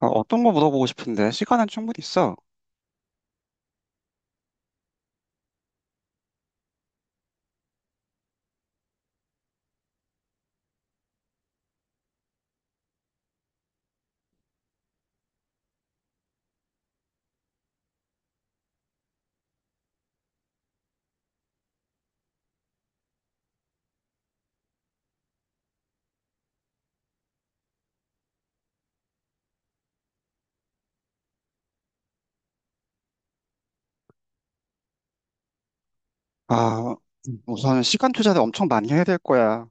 어, 어떤 거 물어보고 싶은데 시간은 충분히 있어. 아, 우선 시간 투자를 엄청 많이 해야 될 거야.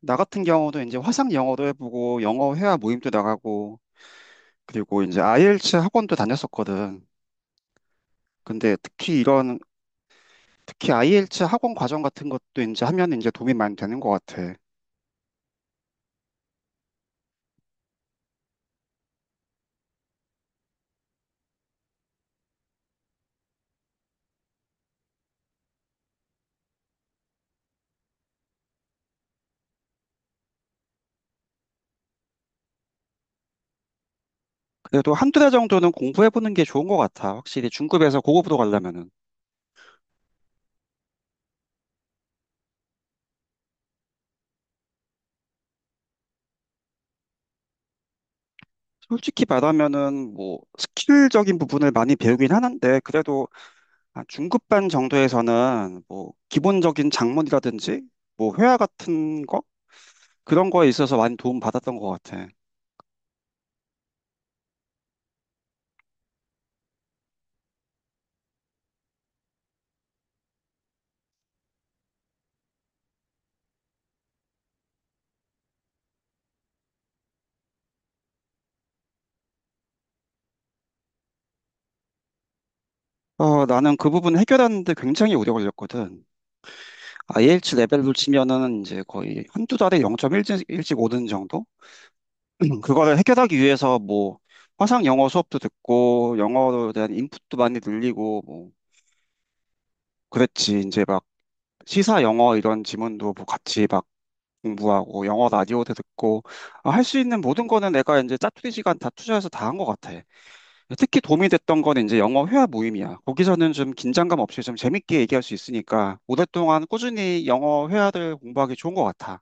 나 같은 경우도 이제 화상 영어도 해보고 영어 회화 모임도 나가고 그리고 이제 IELTS 학원도 다녔었거든. 근데 특히 IELTS 학원 과정 같은 것도 이제 하면 이제 도움이 많이 되는 것 같아. 그래도 한 두 달 정도는 공부해보는 게 좋은 것 같아. 확실히 중급에서 고급으로 가려면은. 솔직히 말하면은 뭐 스킬적인 부분을 많이 배우긴 하는데 그래도 아, 중급반 정도에서는 뭐 기본적인 작문이라든지 뭐 회화 같은 거 그런 거에 있어서 많이 도움 받았던 것 같아. 어, 나는 그 부분 해결하는데 굉장히 오래 걸렸거든. IH 레벨로 치면은 이제 거의 한두 달에 0.1씩 오는 정도? 그거를 해결하기 위해서 뭐 화상 영어 수업도 듣고 영어에 대한 인풋도 많이 늘리고 뭐 그랬지. 이제 막 시사 영어 이런 지문도 뭐 같이 막 공부하고 영어 라디오도 듣고 아, 할수 있는 모든 거는 내가 이제 짜투리 시간 다 투자해서 다 한 것 같아. 특히 도움이 됐던 건 이제 영어 회화 모임이야. 거기서는 좀 긴장감 없이 좀 재밌게 얘기할 수 있으니까 오랫동안 꾸준히 영어 회화를 공부하기 좋은 것 같아.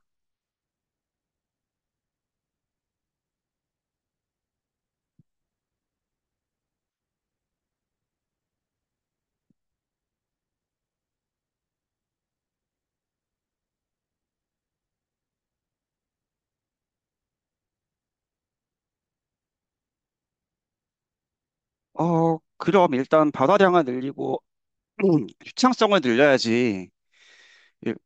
어, 그럼 일단 발화량을 늘리고 유창성을 늘려야지.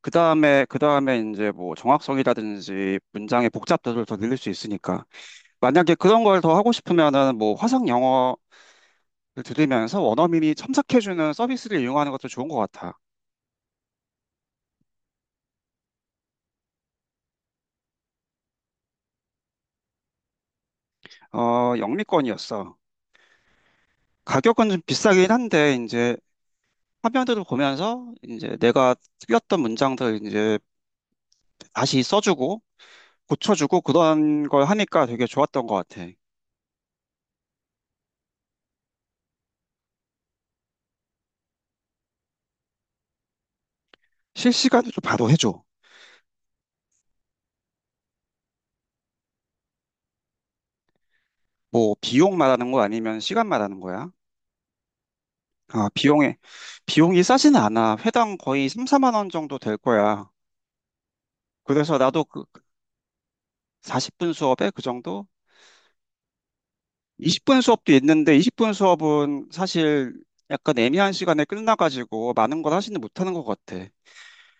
그 다음에 이제 뭐 정확성이라든지 문장의 복잡도를 더 늘릴 수 있으니까 만약에 그런 걸 더 하고 싶으면은 뭐 화상 영어 들으면서 원어민이 첨삭해주는 서비스를 이용하는 것도 좋은 것 같아. 어, 영미권이었어. 가격은 좀 비싸긴 한데, 이제 화면들을 보면서 이제 내가 틀렸던 문장들 이제 다시 써주고 고쳐주고 그런 걸 하니까 되게 좋았던 것 같아. 실시간으로 바로 해줘. 뭐 비용 말하는 거 아니면 시간 말하는 거야? 아, 비용이 싸진 않아. 회당 거의 3, 4만 원 정도 될 거야. 그래서 나도 그 40분 수업에 그 정도? 20분 수업도 있는데 20분 수업은 사실 약간 애매한 시간에 끝나가지고 많은 걸 하지는 못하는 것 같아.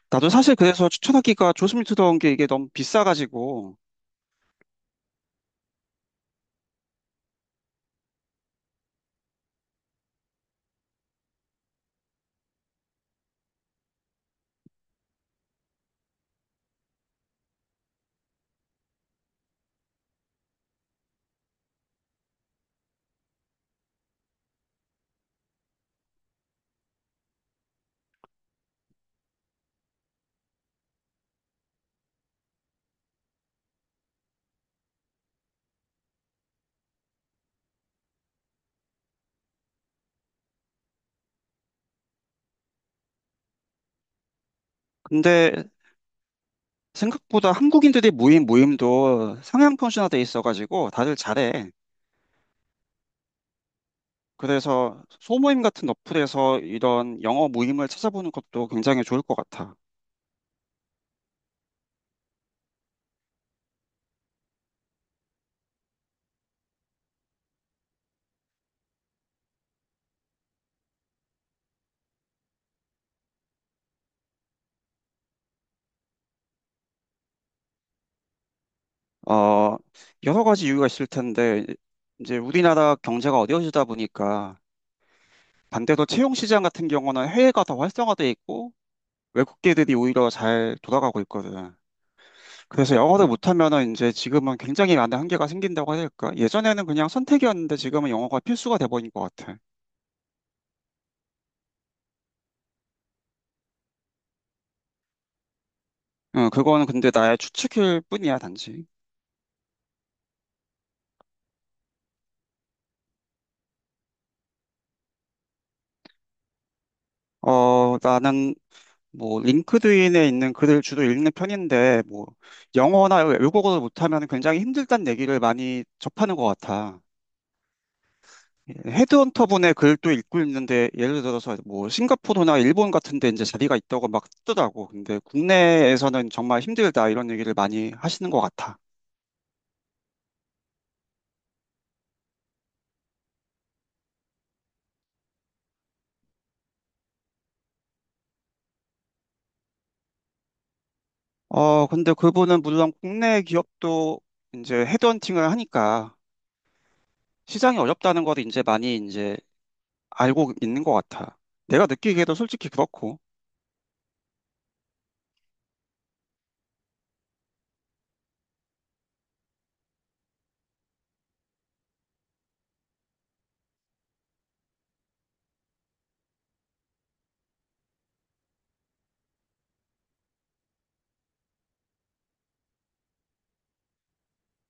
나도 사실 그래서 추천하기가 조스미트다운 게 이게 너무 비싸가지고. 근데 생각보다 한국인들이 모임도 상향 편준화돼 있어가지고 다들 잘해. 그래서 소모임 같은 어플에서 이런 영어 모임을 찾아보는 것도 굉장히 좋을 것 같아. 어, 여러 가지 이유가 있을 텐데 이제 우리나라 경제가 어려워지다 보니까 반대로 채용 시장 같은 경우는 해외가 더 활성화돼 있고 외국계들이 오히려 잘 돌아가고 있거든. 그래서 영어를 못하면은 이제 지금은 굉장히 많은 한계가 생긴다고 해야 될까? 예전에는 그냥 선택이었는데 지금은 영어가 필수가 돼버린 것 같아. 응, 그거는 근데 나의 추측일 뿐이야, 단지. 어, 나는 뭐 링크드인에 있는 글을 주로 읽는 편인데 뭐 영어나 외국어를 못하면 굉장히 힘들다는 얘기를 많이 접하는 것 같아. 헤드헌터 분의 글도 읽고 있는데 예를 들어서 뭐 싱가포르나 일본 같은 데 이제 자리가 있다고 막 뜨더라고. 근데 국내에서는 정말 힘들다 이런 얘기를 많이 하시는 것 같아. 어, 근데 그분은 물론 국내 기업도 이제 헤드헌팅을 하니까 시장이 어렵다는 거를 이제 많이 이제 알고 있는 것 같아. 내가 느끼기에도 솔직히 그렇고.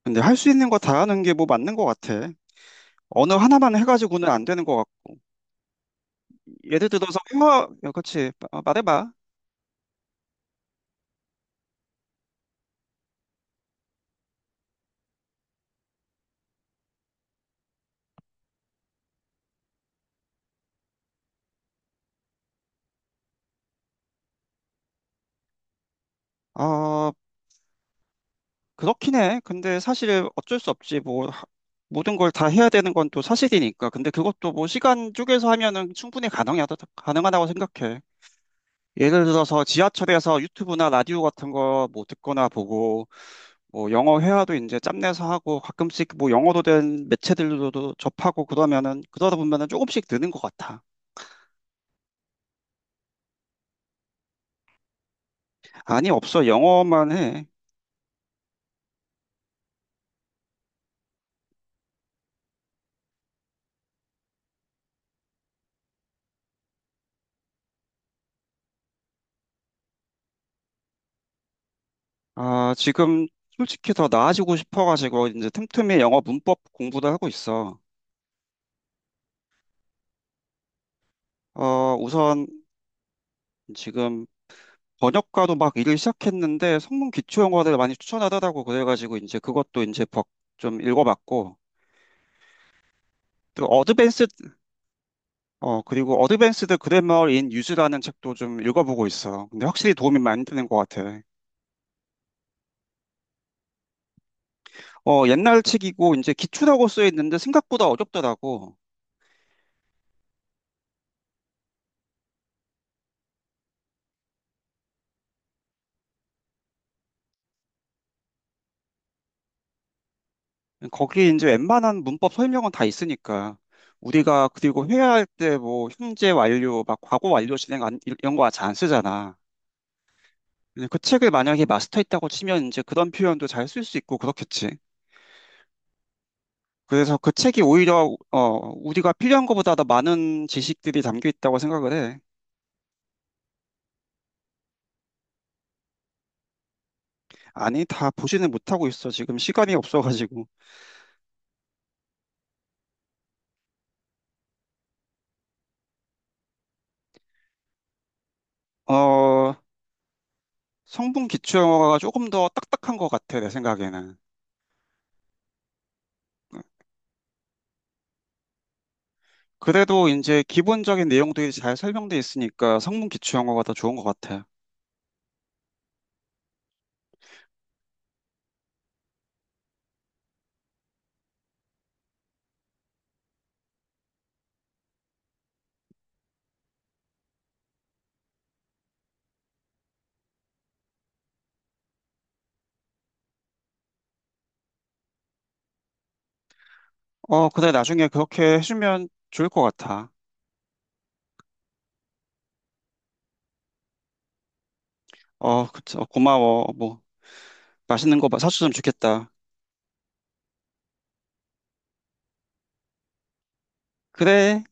근데 할 수 있는 거 다 하는 게 뭐 맞는 것 같아. 언어 하나만 해가지고는 안 되는 것 같고. 예를 들어서 회화, 그렇지. 말해봐. 어, 그렇긴 해. 근데 사실 어쩔 수 없지. 뭐, 모든 걸 다 해야 되는 건 또 사실이니까. 근데 그것도 뭐 시간 쪼개서 하면은 충분히 가능하다고 생각해. 예를 들어서 지하철에서 유튜브나 라디오 같은 거 뭐 듣거나 보고, 뭐 영어 회화도 이제 짬내서 하고, 가끔씩 뭐 영어로 된 매체들로도 접하고 그러면은, 그러다 보면은 조금씩 느는 것 같아. 아니, 없어. 영어만 해. 아, 지금 솔직히 더 나아지고 싶어가지고, 이제 틈틈이 영어 문법 공부도 하고 있어. 어, 우선 지금 번역가도 막 일을 시작했는데 성문 기초 영어를 많이 추천하더라고. 그래가지고 이제 그것도 이제 좀 읽어봤고 또 어드밴스 어 그리고 어드밴스드 그래머 인 유즈라는 책도 좀 읽어보고 있어. 근데 확실히 도움이 많이 되는 것 같아. 어, 옛날 책이고 이제 기초라고 쓰여 있는데 생각보다 어렵더라고. 거기 이제 웬만한 문법 설명은 다 있으니까, 우리가 그리고 회화할 때 뭐 현재 완료 막 과거 완료 진행 안, 이런 거 잘 안 쓰잖아. 그냥 그 책을 만약에 마스터했다고 치면 이제 그런 표현도 잘 쓸 수 있고 그렇겠지. 그래서 그 책이 오히려 우리가 필요한 것보다 더 많은 지식들이 담겨 있다고 생각을 해. 아니, 다 보지는 못하고 있어. 지금 시간이 없어가지고. 어, 성분 기초 영어가 조금 더 딱딱한 것 같아, 내 생각에는. 그래도 이제 기본적인 내용들이 잘 설명돼 있으니까 성분 기초 영어가 더 좋은 것 같아. 어, 그래, 나중에 그렇게 해주면 좋을 것 같아. 어, 그쵸. 고마워. 뭐, 맛있는 거 사주면 좋겠다. 그래.